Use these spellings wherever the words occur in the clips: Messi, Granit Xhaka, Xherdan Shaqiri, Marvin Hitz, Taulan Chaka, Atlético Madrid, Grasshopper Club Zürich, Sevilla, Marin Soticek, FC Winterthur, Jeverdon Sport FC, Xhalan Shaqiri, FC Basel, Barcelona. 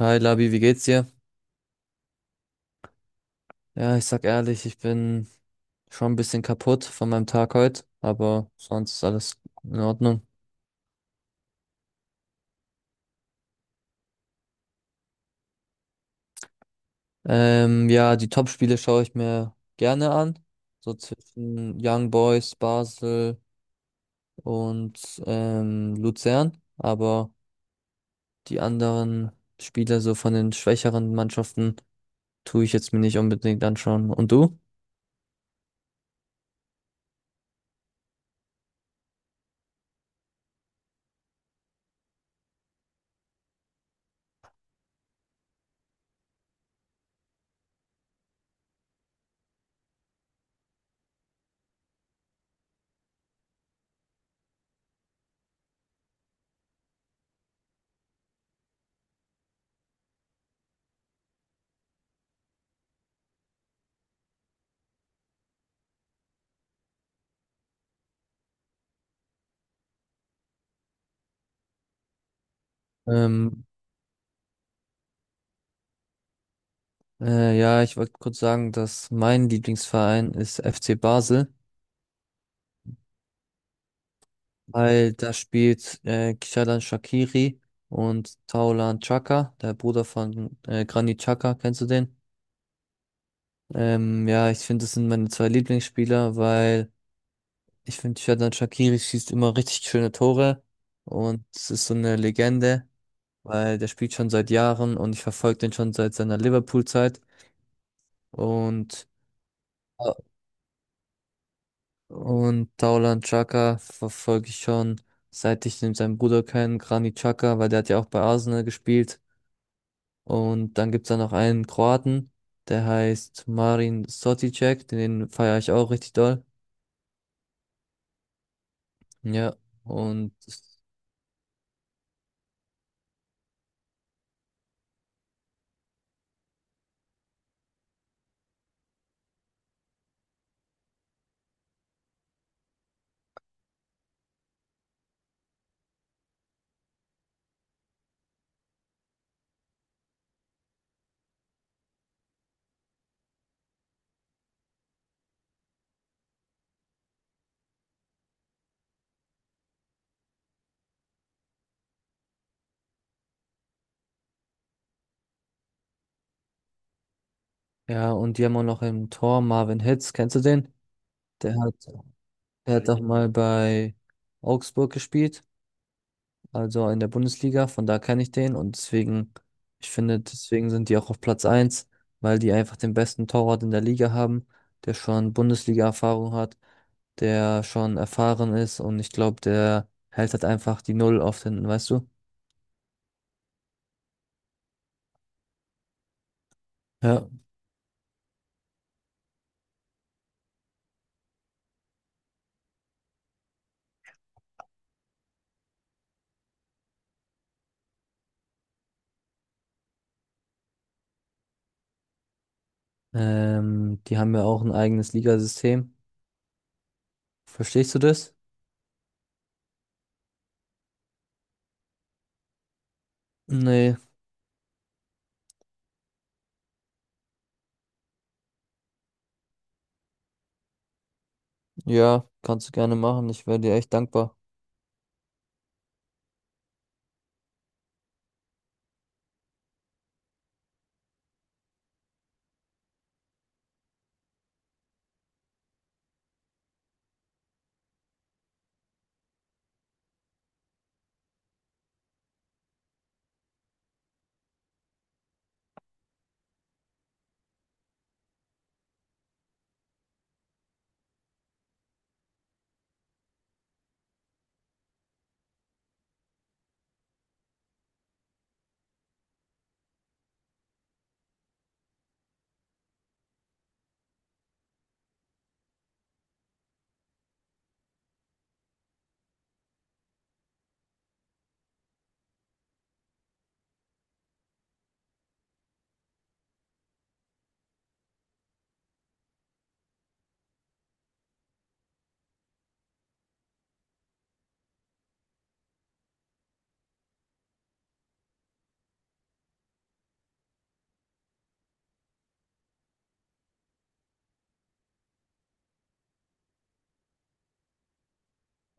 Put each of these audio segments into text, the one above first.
Hi Labi, wie geht's dir? Ja, ich sag ehrlich, ich bin schon ein bisschen kaputt von meinem Tag heute, aber sonst ist alles in Ordnung. Ja, die Top-Spiele schaue ich mir gerne an. So zwischen Young Boys, Basel und Luzern. Aber die anderen Spiele so von den schwächeren Mannschaften tue ich jetzt mir nicht unbedingt anschauen. Und du? Ähm, ja, ich wollte kurz sagen, dass mein Lieblingsverein ist FC Basel. Weil da spielt Xhalan Shaqiri und Taulan Chaka, der Bruder von Granit Xhaka, kennst du den? Ja, ich finde, das sind meine zwei Lieblingsspieler, weil ich finde, Xherdan Shaqiri schießt immer richtig schöne Tore und es ist so eine Legende, weil der spielt schon seit Jahren und ich verfolge den schon seit seiner Liverpool-Zeit und, und Taulan Chaka verfolge ich schon, seit ich den, seinen Bruder kenne, Granit Xhaka, weil der hat ja auch bei Arsenal gespielt. Und dann gibt's da noch einen Kroaten, der heißt Marin Soticek, den feiere ich auch richtig doll. Ja, und ja, und die haben auch noch im Tor Marvin Hitz, kennst du den? Der hat, der hat auch mal bei Augsburg gespielt, also in der Bundesliga, von da kenne ich den und deswegen, ich finde, deswegen sind die auch auf Platz eins, weil die einfach den besten Torwart in der Liga haben, der schon Bundesliga-Erfahrung hat, der schon erfahren ist und ich glaube, der hält halt einfach die Null oft hinten, weißt du? Ja. Die haben ja auch ein eigenes Ligasystem. Verstehst du das? Nee, ja, kannst du gerne machen. Ich wäre dir echt dankbar.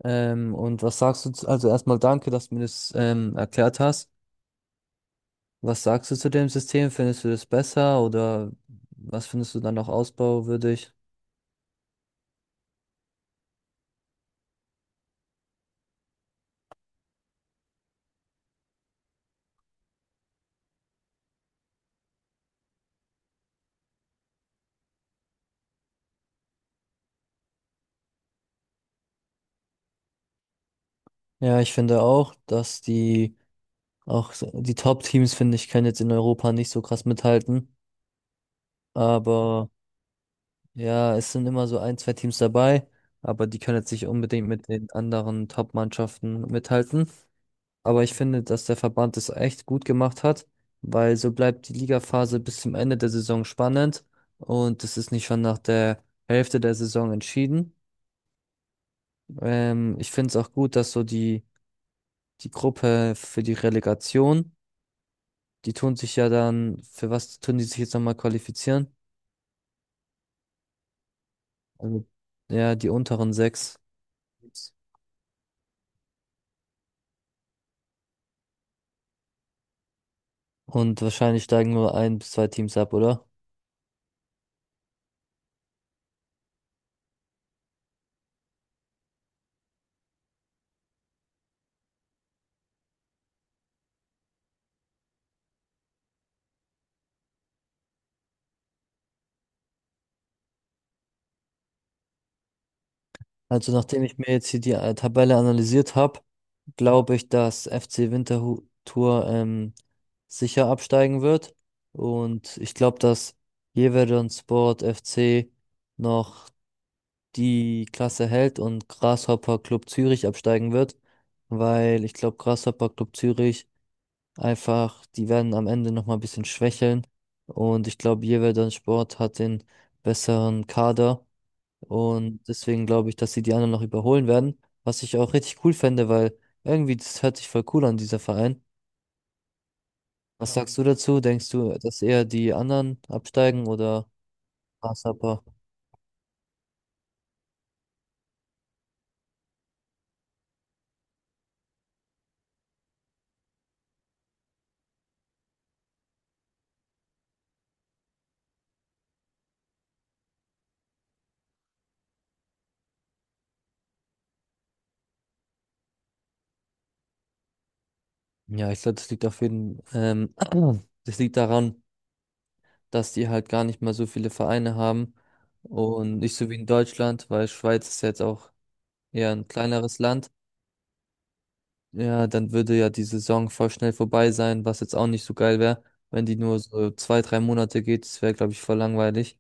Und was sagst du? Zu- Also erstmal danke, dass du mir das erklärt hast. Was sagst du zu dem System? Findest du das besser oder was findest du dann noch ausbauwürdig? Ja, ich finde auch, dass die die Top-Teams, finde ich, können jetzt in Europa nicht so krass mithalten. Aber ja, es sind immer so ein, zwei Teams dabei, aber die können jetzt nicht unbedingt mit den anderen Top-Mannschaften mithalten. Aber ich finde, dass der Verband es echt gut gemacht hat, weil so bleibt die Ligaphase bis zum Ende der Saison spannend und es ist nicht schon nach der Hälfte der Saison entschieden. Ich finde es auch gut, dass so die Gruppe für die Relegation, die tun sich ja dann, für was tun die sich jetzt nochmal qualifizieren? Also, ja, die unteren sechs. Und wahrscheinlich steigen nur ein bis zwei Teams ab, oder? Also nachdem ich mir jetzt hier die Tabelle analysiert habe, glaube ich, dass FC Winterthur sicher absteigen wird. Und ich glaube, dass Jeverdon Sport FC noch die Klasse hält und Grasshopper Club Zürich absteigen wird, weil ich glaube, Grasshopper Club Zürich einfach, die werden am Ende nochmal ein bisschen schwächeln und ich glaube, Jeweldon Sport hat den besseren Kader und deswegen glaube ich, dass sie die anderen noch überholen werden, was ich auch richtig cool fände, weil irgendwie das hört sich voll cool an, dieser Verein. Was sagst du dazu? Denkst du, dass eher die anderen absteigen oder Grasshopper? Ja, ich glaube, das liegt auf jeden das liegt daran, dass die halt gar nicht mal so viele Vereine haben und nicht so wie in Deutschland, weil Schweiz ist jetzt auch eher ein kleineres Land. Ja, dann würde ja die Saison voll schnell vorbei sein, was jetzt auch nicht so geil wäre. Wenn die nur so zwei, drei Monate geht, das wäre, glaube ich, voll langweilig.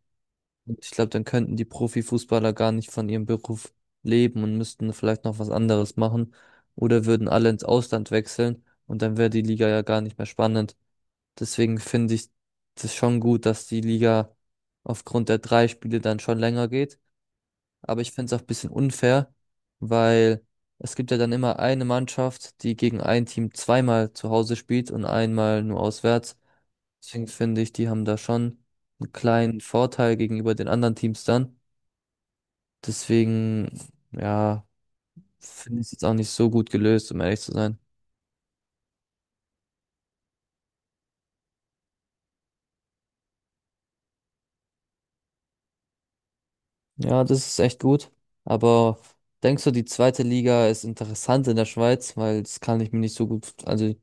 Und ich glaube, dann könnten die Profifußballer gar nicht von ihrem Beruf leben und müssten vielleicht noch was anderes machen oder würden alle ins Ausland wechseln und dann wäre die Liga ja gar nicht mehr spannend. Deswegen finde ich das schon gut, dass die Liga aufgrund der drei Spiele dann schon länger geht. Aber ich finde es auch ein bisschen unfair, weil es gibt ja dann immer eine Mannschaft, die gegen ein Team zweimal zu Hause spielt und einmal nur auswärts. Deswegen finde ich, die haben da schon einen kleinen Vorteil gegenüber den anderen Teams dann. Deswegen, ja, finde ich es jetzt auch nicht so gut gelöst, um ehrlich zu sein. Ja, das ist echt gut. Aber denkst du, die zweite Liga ist interessant in der Schweiz? Weil das kann ich mir nicht so gut. Also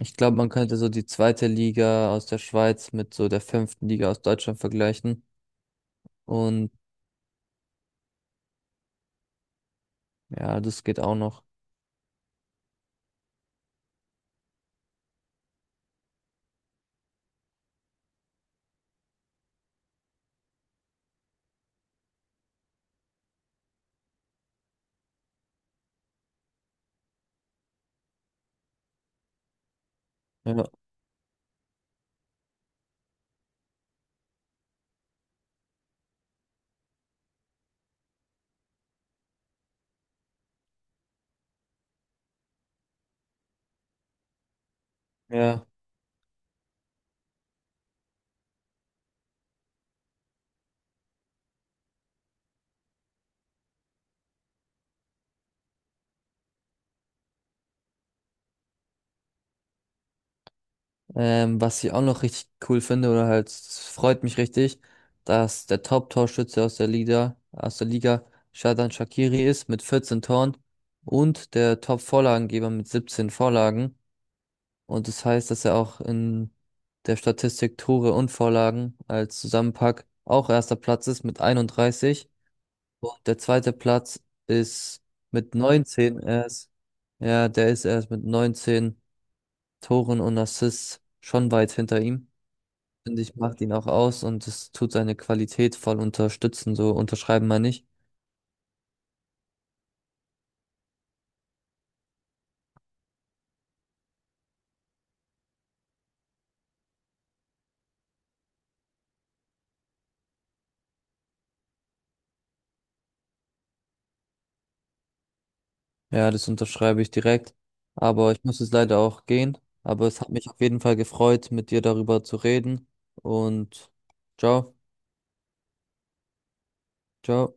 ich glaube, man könnte so die zweite Liga aus der Schweiz mit so der fünften Liga aus Deutschland vergleichen. Und ja, das geht auch noch. Ja. Ja. Was ich auch noch richtig cool finde, oder halt, es freut mich richtig, dass der Top-Torschütze aus der Liga Xherdan Shaqiri ist mit 14 Toren und der Top-Vorlagengeber mit 17 Vorlagen. Und das heißt, dass er auch in der Statistik Tore und Vorlagen als Zusammenpack auch erster Platz ist mit 31. Und der zweite Platz ist mit 19 erst. Ja, der ist erst mit 19 Toren und Assists schon weit hinter ihm. Finde ich, macht ihn auch aus und es tut seine Qualität voll unterstützen. So unterschreiben wir nicht. Ja, das unterschreibe ich direkt. Aber ich muss jetzt leider auch gehen. Aber es hat mich auf jeden Fall gefreut, mit dir darüber zu reden. Und ciao, ciao.